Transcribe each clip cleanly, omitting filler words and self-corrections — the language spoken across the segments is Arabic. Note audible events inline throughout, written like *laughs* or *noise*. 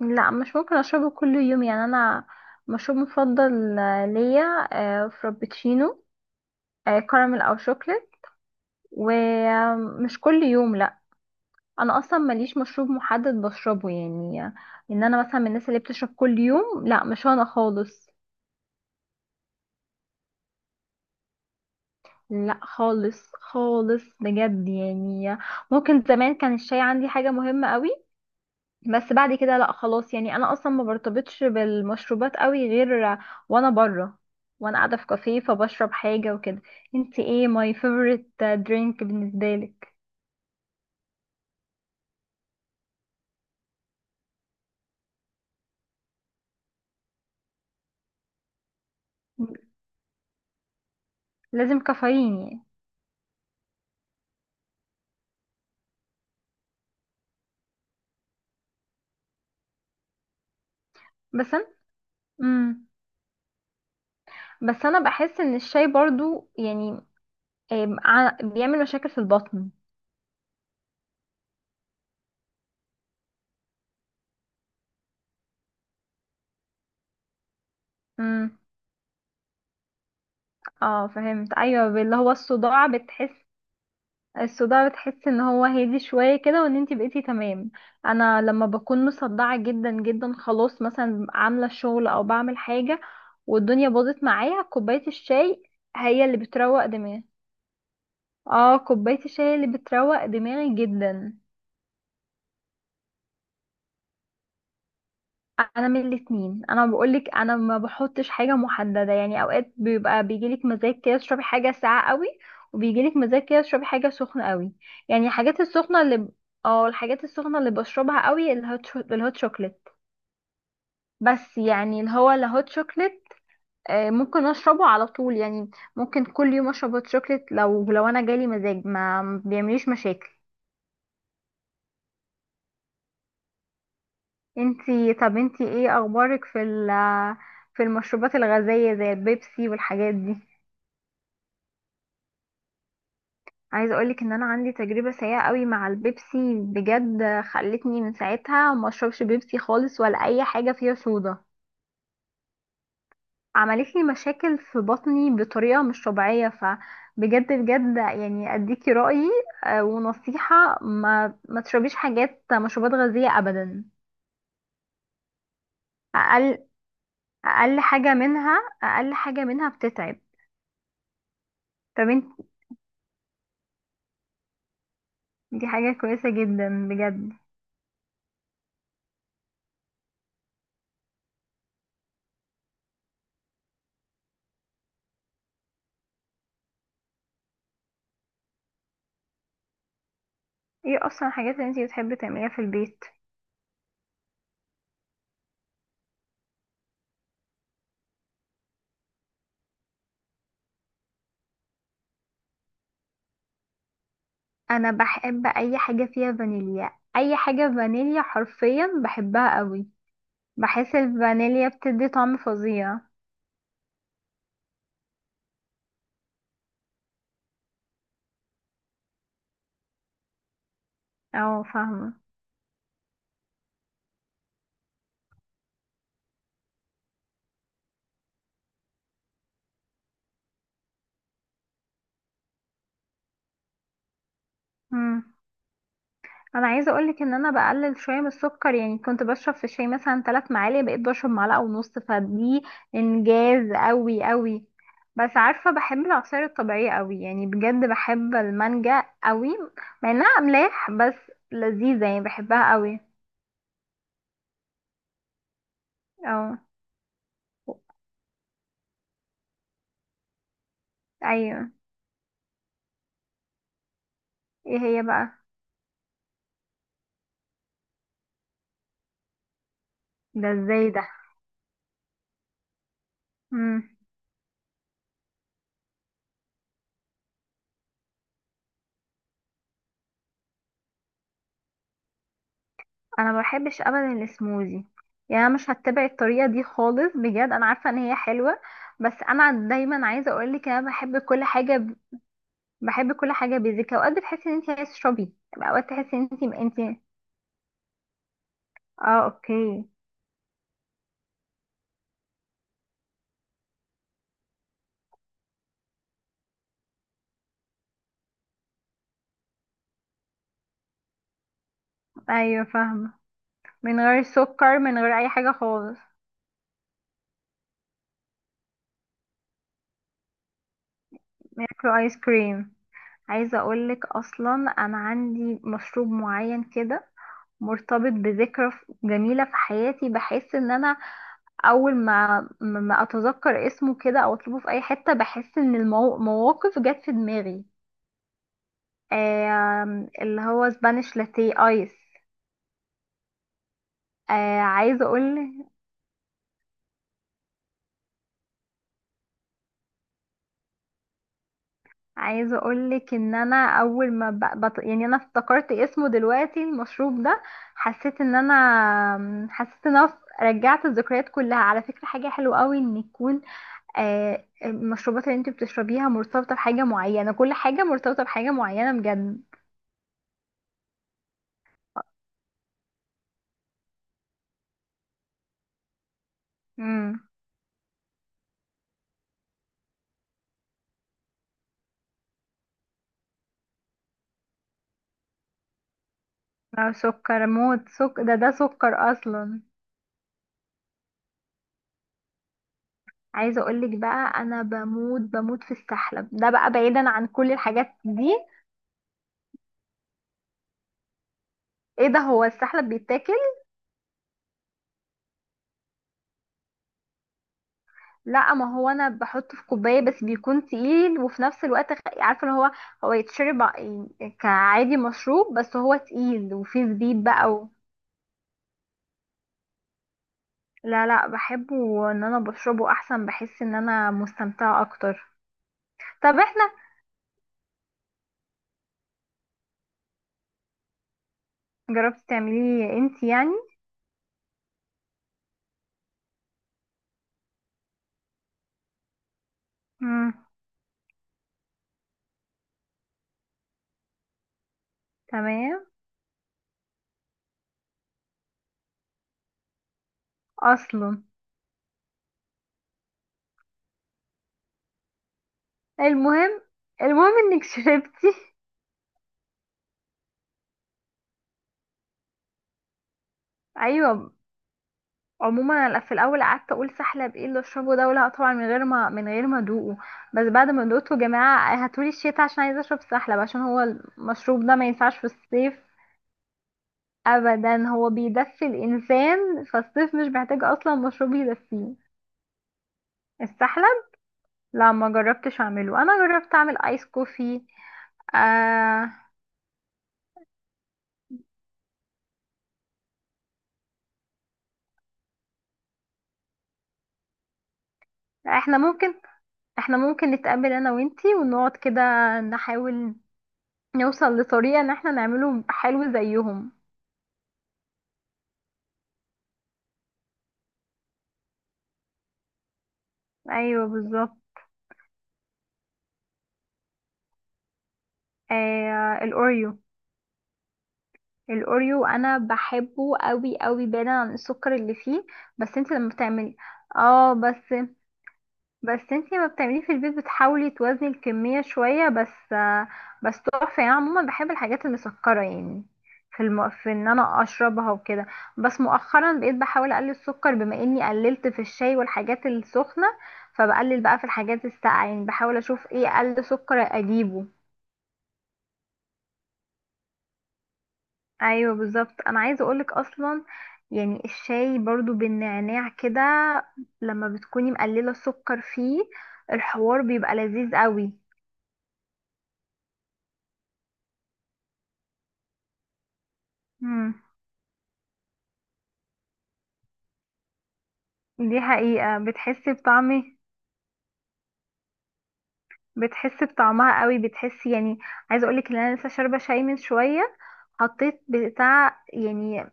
لا مش ممكن اشربه كل يوم. يعني انا مشروب مفضل ليا فرابتشينو، كراميل او شوكليت، ومش كل يوم لا. انا اصلا ماليش مشروب محدد بشربه يعني، ان انا مثلا من الناس اللي بتشرب كل يوم لا، مش انا خالص. لا خالص خالص بجد يعني. ممكن زمان كان الشاي عندي حاجة مهمة قوي، بس بعد كده لا خلاص. يعني انا اصلا ما برتبطش بالمشروبات قوي غير وانا بره وانا قاعده في كافيه فبشرب حاجه وكده. انت ايه ماي فيفورت درينك بالنسبه لك؟ لازم كافيين يعني. بس انا مم. بس انا بحس ان الشاي برضو يعني، بيعمل مشاكل في البطن. مم. اه فهمت، ايوه اللي هو الصداع بتحس، الصداع بتحس ان هو هادي شوية كده، وان انتي بقيتي تمام. انا لما بكون مصدعة جدا جدا، خلاص مثلا عاملة شغل او بعمل حاجة والدنيا باظت معايا، كوباية الشاي هي اللي بتروق دماغي. اه كوباية الشاي اللي بتروق دماغي جدا. انا من الاتنين، انا بقولك انا ما بحطش حاجه محدده يعني. اوقات بيبقى بيجيلك مزاج كده تشربي حاجه ساقعه قوي، وبيجيلك مزاج كده تشربي حاجه سخنه قوي. يعني الحاجات السخنه اللي الحاجات السخنه اللي بشربها قوي الهوت الهوت شوكليت. بس يعني اللي هو الهوت شوكليت ممكن اشربه على طول يعني. ممكن كل يوم اشرب هوت شوكليت لو انا جالي مزاج ما بيعمليش مشاكل. انتي طب انتي ايه اخبارك في في المشروبات الغازيه زي البيبسي والحاجات دي؟ عايزه اقولك ان انا عندي تجربه سيئه قوي مع البيبسي بجد. خلتني من ساعتها ما اشربش بيبسي خالص، ولا اي حاجه فيها صودا. عملت لي مشاكل في بطني بطريقه مش طبيعيه، فبجد بجد يعني اديكي رايي ونصيحه ما تشربيش حاجات مشروبات غازيه ابدا. اقل اقل حاجه منها اقل حاجه منها بتتعب. طب انت، دي حاجه كويسه جدا بجد. ايه اصلا الحاجات اللي انت بتحبي تعمليها في البيت؟ انا بحب اي حاجه فيها فانيليا. اي حاجه فانيليا حرفيا بحبها قوي. بحس الفانيليا بتدي طعم فظيع. اه فاهمه. امم، انا عايزه اقولك ان انا بقلل شويه من السكر. يعني كنت بشرب في الشاي مثلا 3 معالق، بقيت بشرب معلقه ونص، فدي انجاز قوي قوي. بس عارفه بحب العصاير الطبيعيه قوي يعني. بجد بحب المانجا قوي، مع انها املاح بس لذيذه يعني بحبها قوي. اه، ايوه. ايه هي بقى؟ ده ازاي ده؟ مم. انا ما بحبش ابدا السموزي. يعني انا مش هتبع الطريقه دي خالص بجد. انا عارفه ان هي حلوه، بس انا دايما عايزه اقول لك انا بحب كل حاجه ب... بحب كل حاجه بيزك. اوقات بتحسي ان انت عايزه تشربي، اوقات تحسي ان انت. اه اوكي. ايوه فاهمه، من غير سكر من غير اي حاجه خالص، بياكلوا ايس كريم. عايزه اقول لك اصلا انا عندي مشروب معين كده مرتبط بذكرى جميله في حياتي. بحس ان انا اول ما اتذكر اسمه كده او اطلبه في اي حته، بحس ان المواقف جت في دماغي. اللي هو سبانيش لاتيه ايس. آه، عايزه اقول عايزه اقول لك ان انا اول ما ب... بط... يعني انا افتكرت اسمه دلوقتي المشروب ده. حسيت ان انا حسيت ان انا رجعت الذكريات كلها. على فكره حاجه حلوه قوي ان يكون المشروبات اللي انت بتشربيها مرتبطه بحاجه معينه، كل حاجه مرتبطه بحاجه معينه بجد. مم. اه سكر موت، سكر ده، ده سكر اصلا. عايزه اقولك بقى انا بموت بموت في السحلب ده، بقى بعيدا عن كل الحاجات دي. ايه ده، هو السحلب بيتاكل؟ لا، ما هو انا بحطه في كوبايه بس بيكون تقيل. وفي نفس الوقت عارفه اللي هو، هو يتشرب كعادي مشروب، بس هو تقيل وفيه زبيب بقى و... لا لا، بحبه ان انا بشربه احسن، بحس ان انا مستمتعه اكتر. طب احنا، جربتي تعمليه انت يعني؟ امم. تمام. اصلا، المهم، المهم انك شربتي. *laughs* ايوه. عموما انا في الاول قعدت اقول سحلب ايه اللي اشربه ده، ولا طبعا من غير ما ادوقه. بس بعد ما دوقته، يا جماعه هاتولي الشتا عشان عايزه اشرب سحلب، عشان هو المشروب ده ما ينفعش في الصيف ابدا. هو بيدفي الانسان، فالصيف مش محتاج اصلا مشروب يدفيه. السحلب، لا ما جربتش اعمله. انا جربت اعمل ايس كوفي. آه، احنا ممكن، احنا ممكن نتقابل انا وانتي، ونقعد كده نحاول نوصل لطريقة ان احنا نعمله حلو زيهم. ايوه بالظبط. آه، الاوريو. الاوريو انا بحبه قوي قوي، بعيدا عن السكر اللي فيه. بس انت لما بتعملي، اه بس بس انتي ما بتعمليه في البيت، بتحاولي توازني الكمية شوية. بس بس تحفة يعني. أنا عموما بحب الحاجات المسكرة يعني، في في ان انا اشربها وكده. بس مؤخرا بقيت بحاول اقلل السكر، بما اني قللت في الشاي والحاجات السخنة، فبقلل بقى في الحاجات الساقعة. يعني بحاول اشوف ايه اقل سكر اجيبه. ايوه بالظبط. انا عايزة اقولك اصلا، يعني الشاي برضو بالنعناع كده لما بتكوني مقللة السكر فيه، الحوار بيبقى لذيذ قوي. دي حقيقة، بتحسي بطعمي، بتحسي بطعمها قوي، بتحسي يعني. عايزة اقولك ان انا لسه شاربة شاي من شوية، حطيت بتاع يعني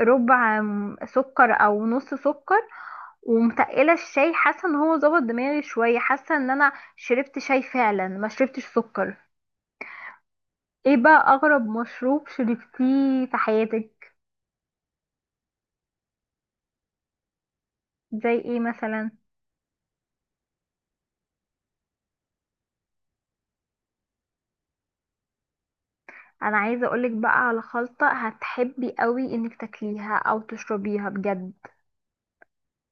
ربع سكر او نص سكر، ومتقلة الشاي، حاسة ان هو ظبط دماغي شوية، حاسة ان انا شربت شاي فعلا ما شربتش سكر. ايه بقى اغرب مشروب شربتيه في حياتك؟ زي ايه مثلا؟ انا عايزة اقولك بقى على خلطة هتحبي قوي انك تاكليها او تشربيها بجد.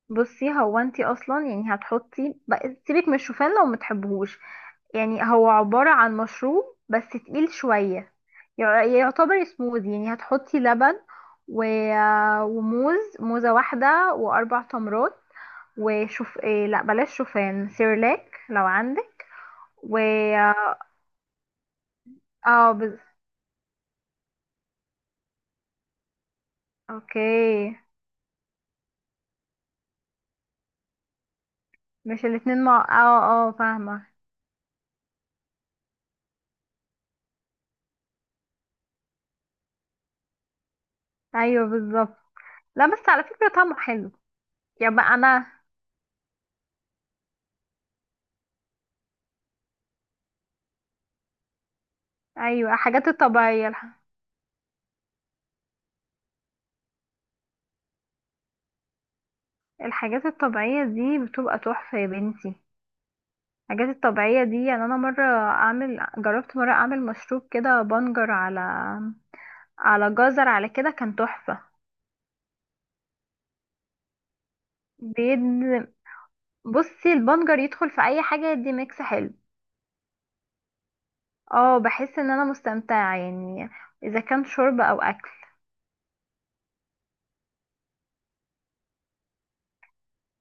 بصي هو انتي اصلا، يعني هتحطي بقى، سيبك من الشوفان لو متحبهوش. يعني هو عبارة عن مشروب بس تقيل شوية، يعتبر سموذي. يعني هتحطي لبن و... وموز، موزة واحدة واربع تمرات، وشوف إيه، لا بلاش شوفان، سيرلاك لو عندك، و اه آه، بز... اوكي. مش الاتنين مع فاهمة. ايوه بالظبط. لا بس على فكرة طعمه حلو. يبقى انا، ايوه حاجات الطبيعية. الحاجات الطبيعية دي بتبقى تحفة يا بنتي. الحاجات الطبيعية دي يعني، أنا مرة جربت مرة أعمل مشروب كده بنجر على على جزر على كده، كان تحفة. بيد بصي البنجر يدخل في أي حاجة يدي ميكس حلو. اه بحس إن أنا مستمتعة يعني، إذا كان شرب أو أكل.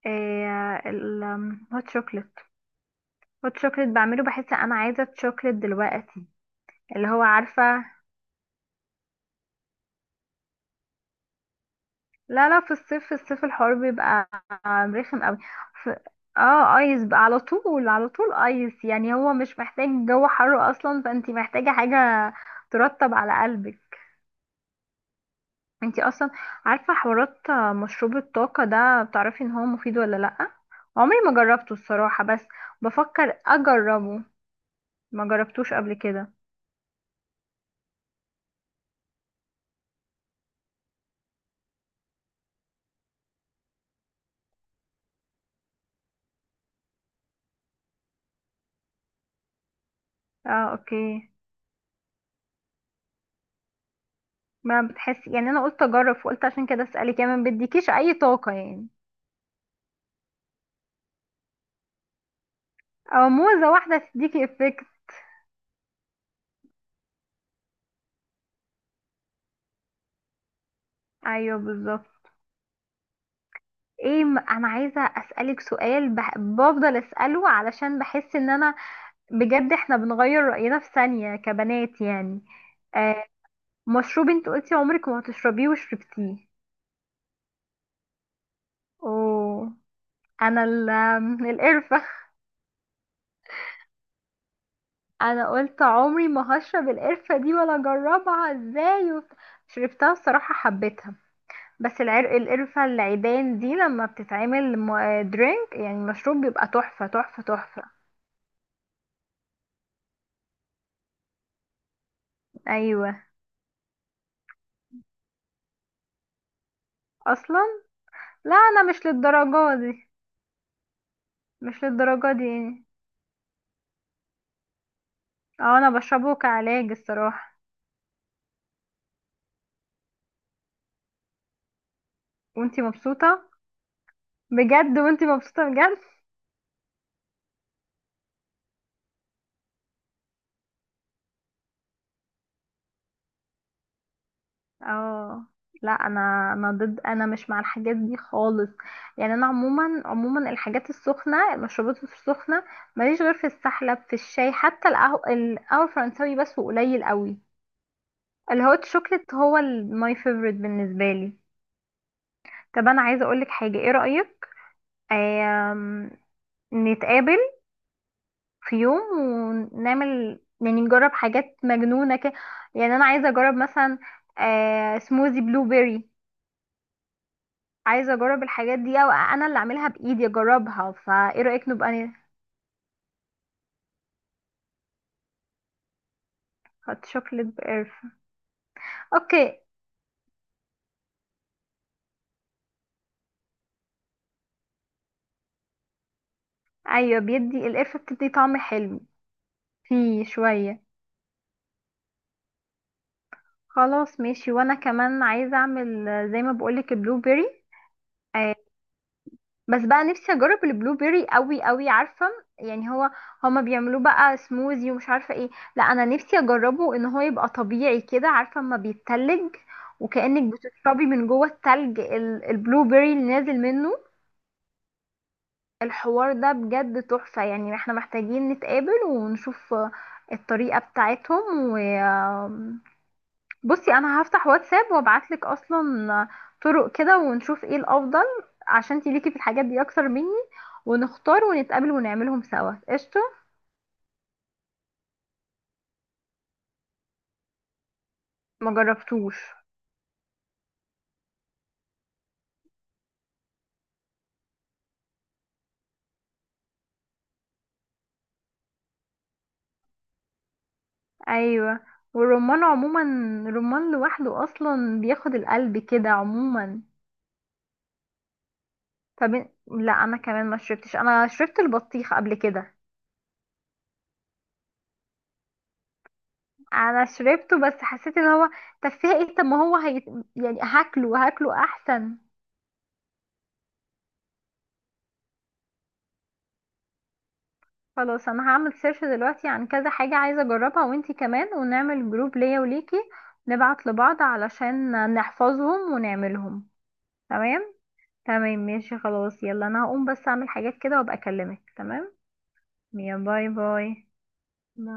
إيه؟ الهوت شوكليت. هوت شوكليت بعمله، بحس أنا عايزة شوكليت دلوقتي. اللي هو عارفة، لا لا، في الصيف، في الصيف الحوار بيبقى رخم قوي. ف... اه ايس بقى، على طول على طول ايس. يعني هو مش محتاج جو حر اصلا، فانتي محتاجة حاجة ترطب على قلبك. انتي اصلا عارفة حوارات مشروب الطاقة ده؟ بتعرفي ان هو مفيد ولا لأ؟ عمري ما جربته الصراحة، بس بفكر اجربه. ما جربتوش قبل كده؟ اه اوكي. ما بتحسي يعني، انا قلت اجرب وقلت عشان كده اسألك، يعني ما بيديكيش اي طاقة يعني؟ او موزة واحدة تديكي افكت. ايوه بالظبط. ايه انا عايزه اسالك سؤال بح... بفضل اساله علشان بحس ان انا بجد احنا بنغير راينا في ثانيه كبنات يعني. آه، مشروب انت قلتي عمرك ما هتشربيه وشربتيه؟ اوه، انا ال... القرفه. *laughs* انا قلت عمري ما هشرب القرفه دي ولا اجربها ازاي، وبت... شربتها الصراحه حبيتها. بس العرق، القرفه العيدان دي لما بتتعمل درينك يعني مشروب، بيبقى تحفه تحفه تحفه. ايوه. اصلا. لا انا مش للدرجة دي، مش للدرجة دي يعني. اه انا بشربه كعلاج الصراحة. وانتي مبسوطة؟ بجد وانتي مبسوطة بجد؟ اه. لا انا، انا ضد، انا مش مع الحاجات دي خالص. يعني انا عموما عموما الحاجات السخنة، المشروبات السخنة ماليش غير في السحلب، في الشاي، حتى القهوة القهوة الفرنساوي بس، وقليل قوي. الهوت شوكليت هو ماي فيفورت بالنسبة لي. طب انا عايزة اقولك حاجة، ايه رأيك آم، نتقابل في يوم ونعمل، يعني نجرب حاجات مجنونة كده. يعني أنا عايزة أجرب مثلا آه سموزي بلو بيري. عايزة أجرب الحاجات دي أو أنا اللي أعملها بإيدي أجربها، فإيه رأيك نبقى؟ نحط شوكليت بقرفة؟ أوكي. أيوة بيدي القرفة بتدي طعم حلو فيه شوية. خلاص ماشي. وأنا كمان عايزة أعمل زي ما بقولك البلو بيري. بس بقى نفسي اجرب البلو بيري قوي قوي، عارفه يعني هو، هما بيعملوه بقى سموزي ومش عارفه ايه. لا انا نفسي اجربه ان هو يبقى طبيعي كده، عارفه اما بيتلج، وكأنك بتشربي من جوه التلج البلو بيري اللي نازل منه. الحوار ده بجد تحفه. يعني احنا محتاجين نتقابل ونشوف الطريقه بتاعتهم و، بصي انا هفتح واتساب وابعتلك اصلا طرق كده ونشوف ايه الافضل، عشان انتي ليكي في الحاجات دي اكتر مني، ونختار ونتقابل ونعملهم سوا قشطه. ما جربتوش. ايوه. والرمان عموما، الرمان لوحده اصلا بياخد القلب كده عموما. طب لا انا كمان ما شربتش، انا شربت البطيخ قبل كده. انا شربته بس حسيت ان هو تفاهه. طب ما هو هي... يعني هاكله، هاكله احسن. خلاص انا هعمل سيرش دلوقتي عن كذا حاجة عايزة اجربها، وانتي كمان، ونعمل جروب ليا وليكي نبعت لبعض علشان نحفظهم ونعملهم. تمام. تمام ماشي، خلاص يلا انا هقوم بس اعمل حاجات كده وابقى اكلمك. تمام. يا باي باي. باي.